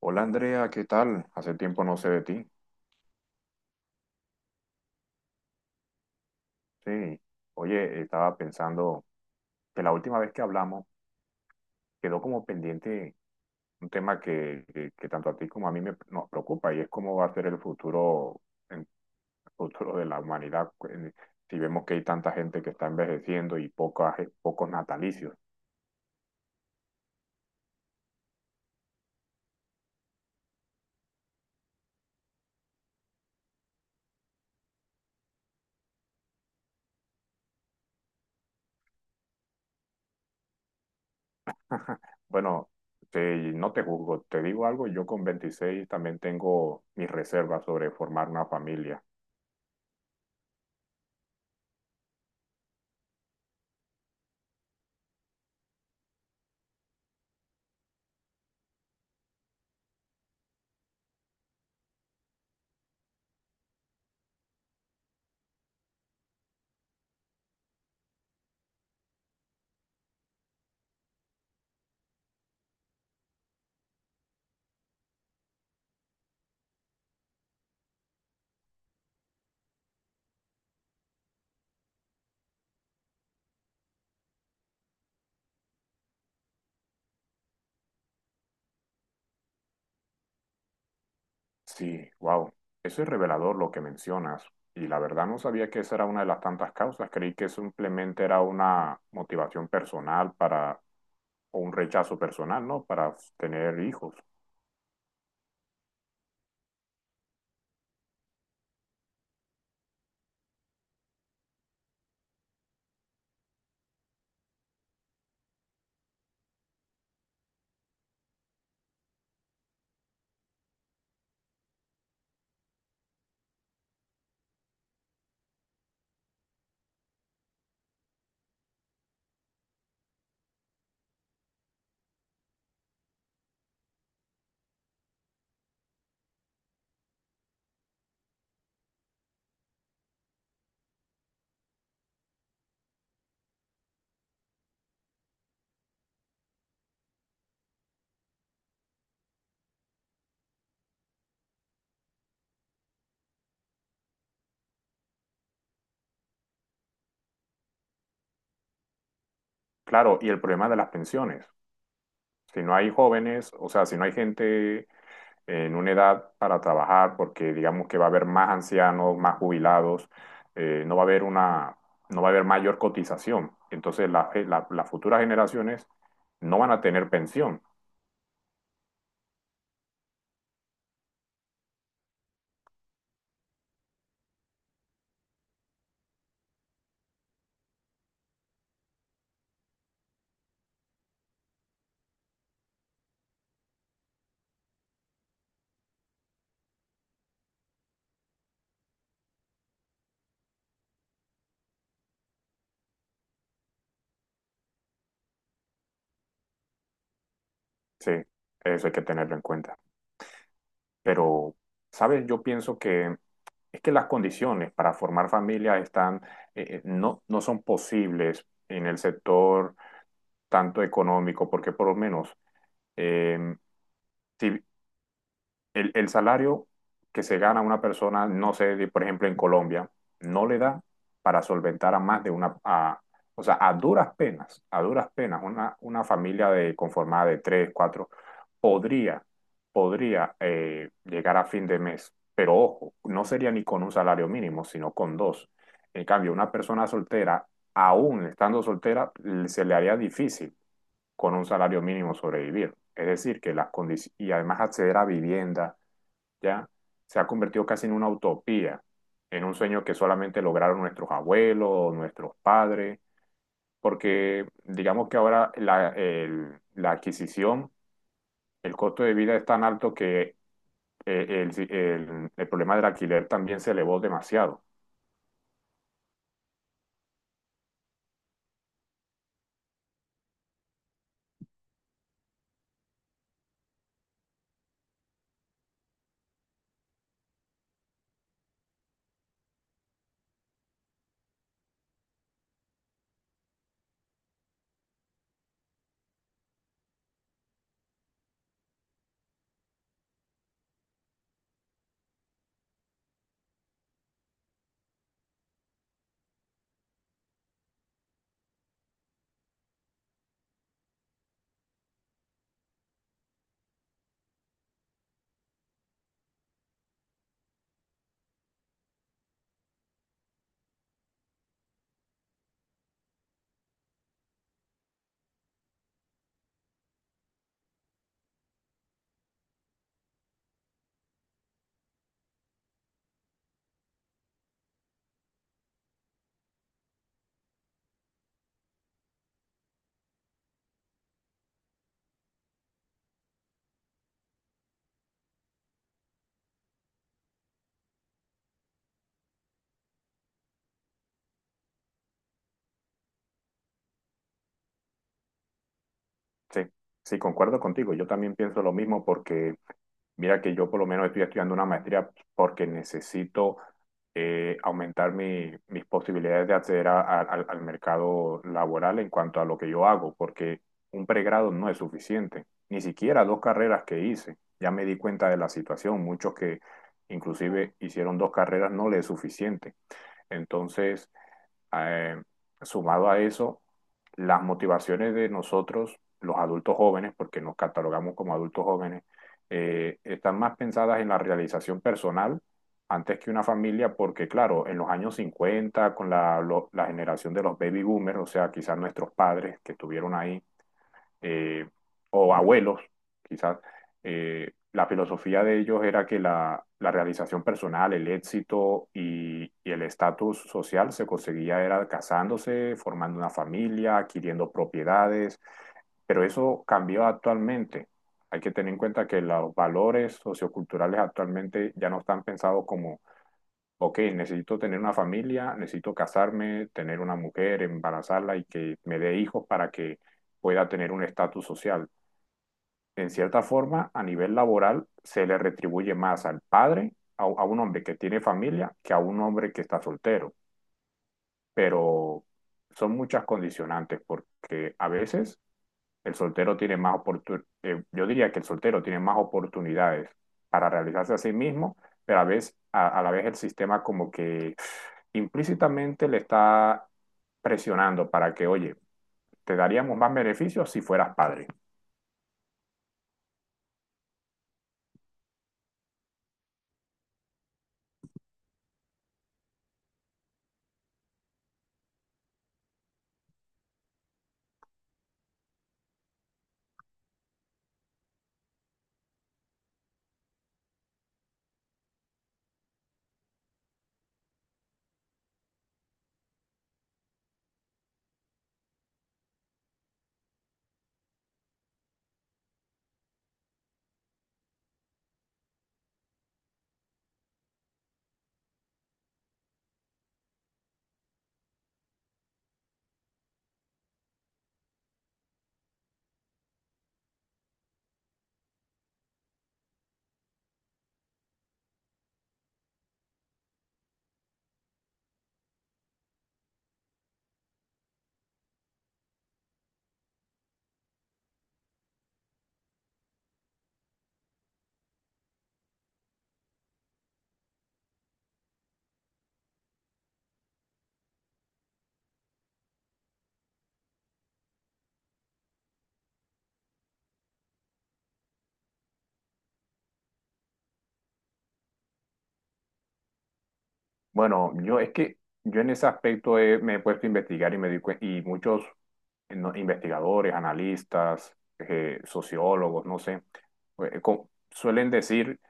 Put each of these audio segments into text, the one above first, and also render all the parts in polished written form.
Hola Andrea, ¿qué tal? Hace tiempo no sé de ti. Sí, oye, estaba pensando que la última vez que hablamos quedó como pendiente un tema que tanto a ti como a nos preocupa y es cómo va a ser el futuro de la humanidad si vemos que hay tanta gente que está envejeciendo y pocos natalicios. Bueno, no te juzgo, te digo algo, yo con 26 también tengo mis reservas sobre formar una familia. Sí, wow. Eso es revelador lo que mencionas. Y la verdad no sabía que esa era una de las tantas causas. Creí que simplemente era una motivación personal para, o un rechazo personal, ¿no? Para tener hijos. Claro, y el problema de las pensiones. Si no hay jóvenes, o sea, si no hay gente en una edad para trabajar, porque digamos que va a haber más ancianos, más jubilados, no va a haber no va a haber mayor cotización. Entonces las futuras generaciones no van a tener pensión. Sí, eso hay que tenerlo en cuenta. Pero, ¿sabes? Yo pienso que es que las condiciones para formar familia están, no son posibles en el sector tanto económico, porque por lo menos, eh, si el salario que se gana una persona, no sé, por ejemplo, en Colombia, no le da para solventar a más de una, o sea, a duras penas, una familia de, conformada de tres, cuatro, podría, podría llegar a fin de mes, pero ojo, no sería ni con un salario mínimo, sino con dos. En cambio, una persona soltera, aún estando soltera, se le haría difícil con un salario mínimo sobrevivir. Es decir, que las condiciones, y además acceder a vivienda, ¿ya? Se ha convertido casi en una utopía, en un sueño que solamente lograron nuestros abuelos, nuestros padres, porque digamos que ahora la adquisición, el costo de vida es tan alto que el problema del alquiler también se elevó demasiado. Sí, sí, concuerdo contigo. Yo también pienso lo mismo porque mira que yo por lo menos estoy estudiando una maestría porque necesito aumentar mis posibilidades de acceder al al mercado laboral en cuanto a lo que yo hago, porque un pregrado no es suficiente, ni siquiera dos carreras que hice. Ya me di cuenta de la situación, muchos que inclusive hicieron dos carreras no les es suficiente. Entonces, eh, sumado a eso, las motivaciones de nosotros, los adultos jóvenes, porque nos catalogamos como adultos jóvenes, están más pensadas en la realización personal antes que una familia, porque claro, en los años 50 con la generación de los baby boomers, o sea, quizás nuestros padres que estuvieron ahí, eh, o abuelos, quizás, la filosofía de ellos era que la realización personal, el éxito y el estatus social se conseguía era casándose, formando una familia, adquiriendo propiedades, pero eso cambió actualmente. Hay que tener en cuenta que los valores socioculturales actualmente ya no están pensados como ok, necesito tener una familia, necesito casarme, tener una mujer, embarazarla y que me dé hijos para que pueda tener un estatus social. En cierta forma, a nivel laboral, se le retribuye más al padre, a un hombre que tiene familia, que a un hombre que está soltero. Pero son muchas condicionantes porque a veces el soltero tiene más oportunidades, yo diría que el soltero tiene más oportunidades para realizarse a sí mismo, pero a la vez el sistema como que implícitamente le está presionando para que, oye, te daríamos más beneficios si fueras padre. Bueno, yo es que yo en ese aspecto me he puesto a investigar y me y muchos no, investigadores, analistas, sociólogos, no sé, suelen decir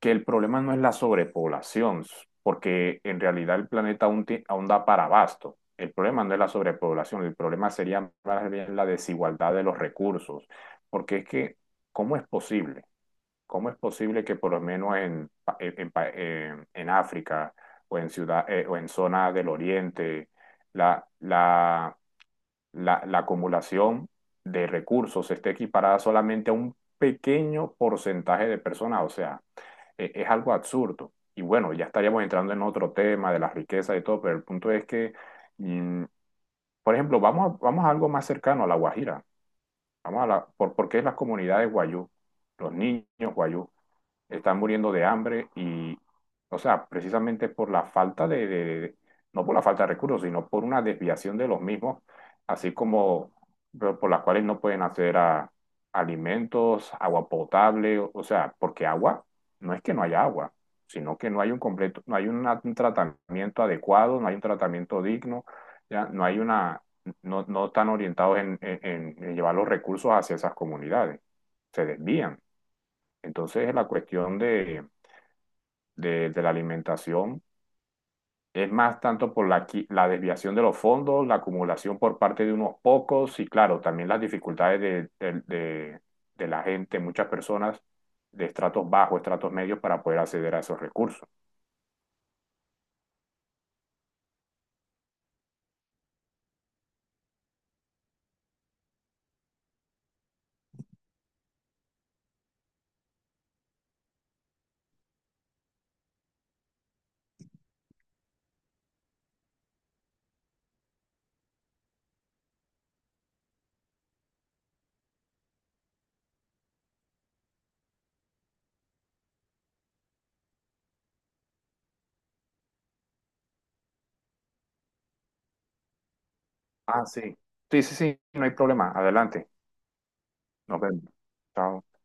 que el problema no es la sobrepoblación, porque en realidad el planeta aún da para abasto. El problema no es la sobrepoblación, el problema sería más bien la desigualdad de los recursos, porque es que, ¿cómo es posible? ¿Cómo es posible que por lo menos en África o en ciudad, o en zonas del Oriente la, la, la acumulación de recursos esté equiparada solamente a un pequeño porcentaje de personas? O sea, es algo absurdo. Y bueno, ya estaríamos entrando en otro tema de la riqueza y todo, pero el punto es que, mm, por ejemplo, vamos a algo más cercano a la Guajira. Vamos a porque es las comunidades guayú, los niños guayú están muriendo de hambre y, o sea, precisamente por la falta no por la falta de recursos, sino por una desviación de los mismos, así como pero por las cuales no pueden acceder a alimentos, agua potable, o sea, porque agua, no es que no haya agua, sino que no hay un completo, no hay un tratamiento adecuado, no hay un tratamiento digno, ya, no hay una, no, no están orientados en en llevar los recursos hacia esas comunidades, se desvían. Entonces, la cuestión de la alimentación es más tanto por la desviación de los fondos, la acumulación por parte de unos pocos y, claro, también las dificultades de la gente, muchas personas de estratos bajos, estratos medios, para poder acceder a esos recursos. Ah, sí. Sí, sí, sí, no hay problema. Adelante. Nos vemos. Chao.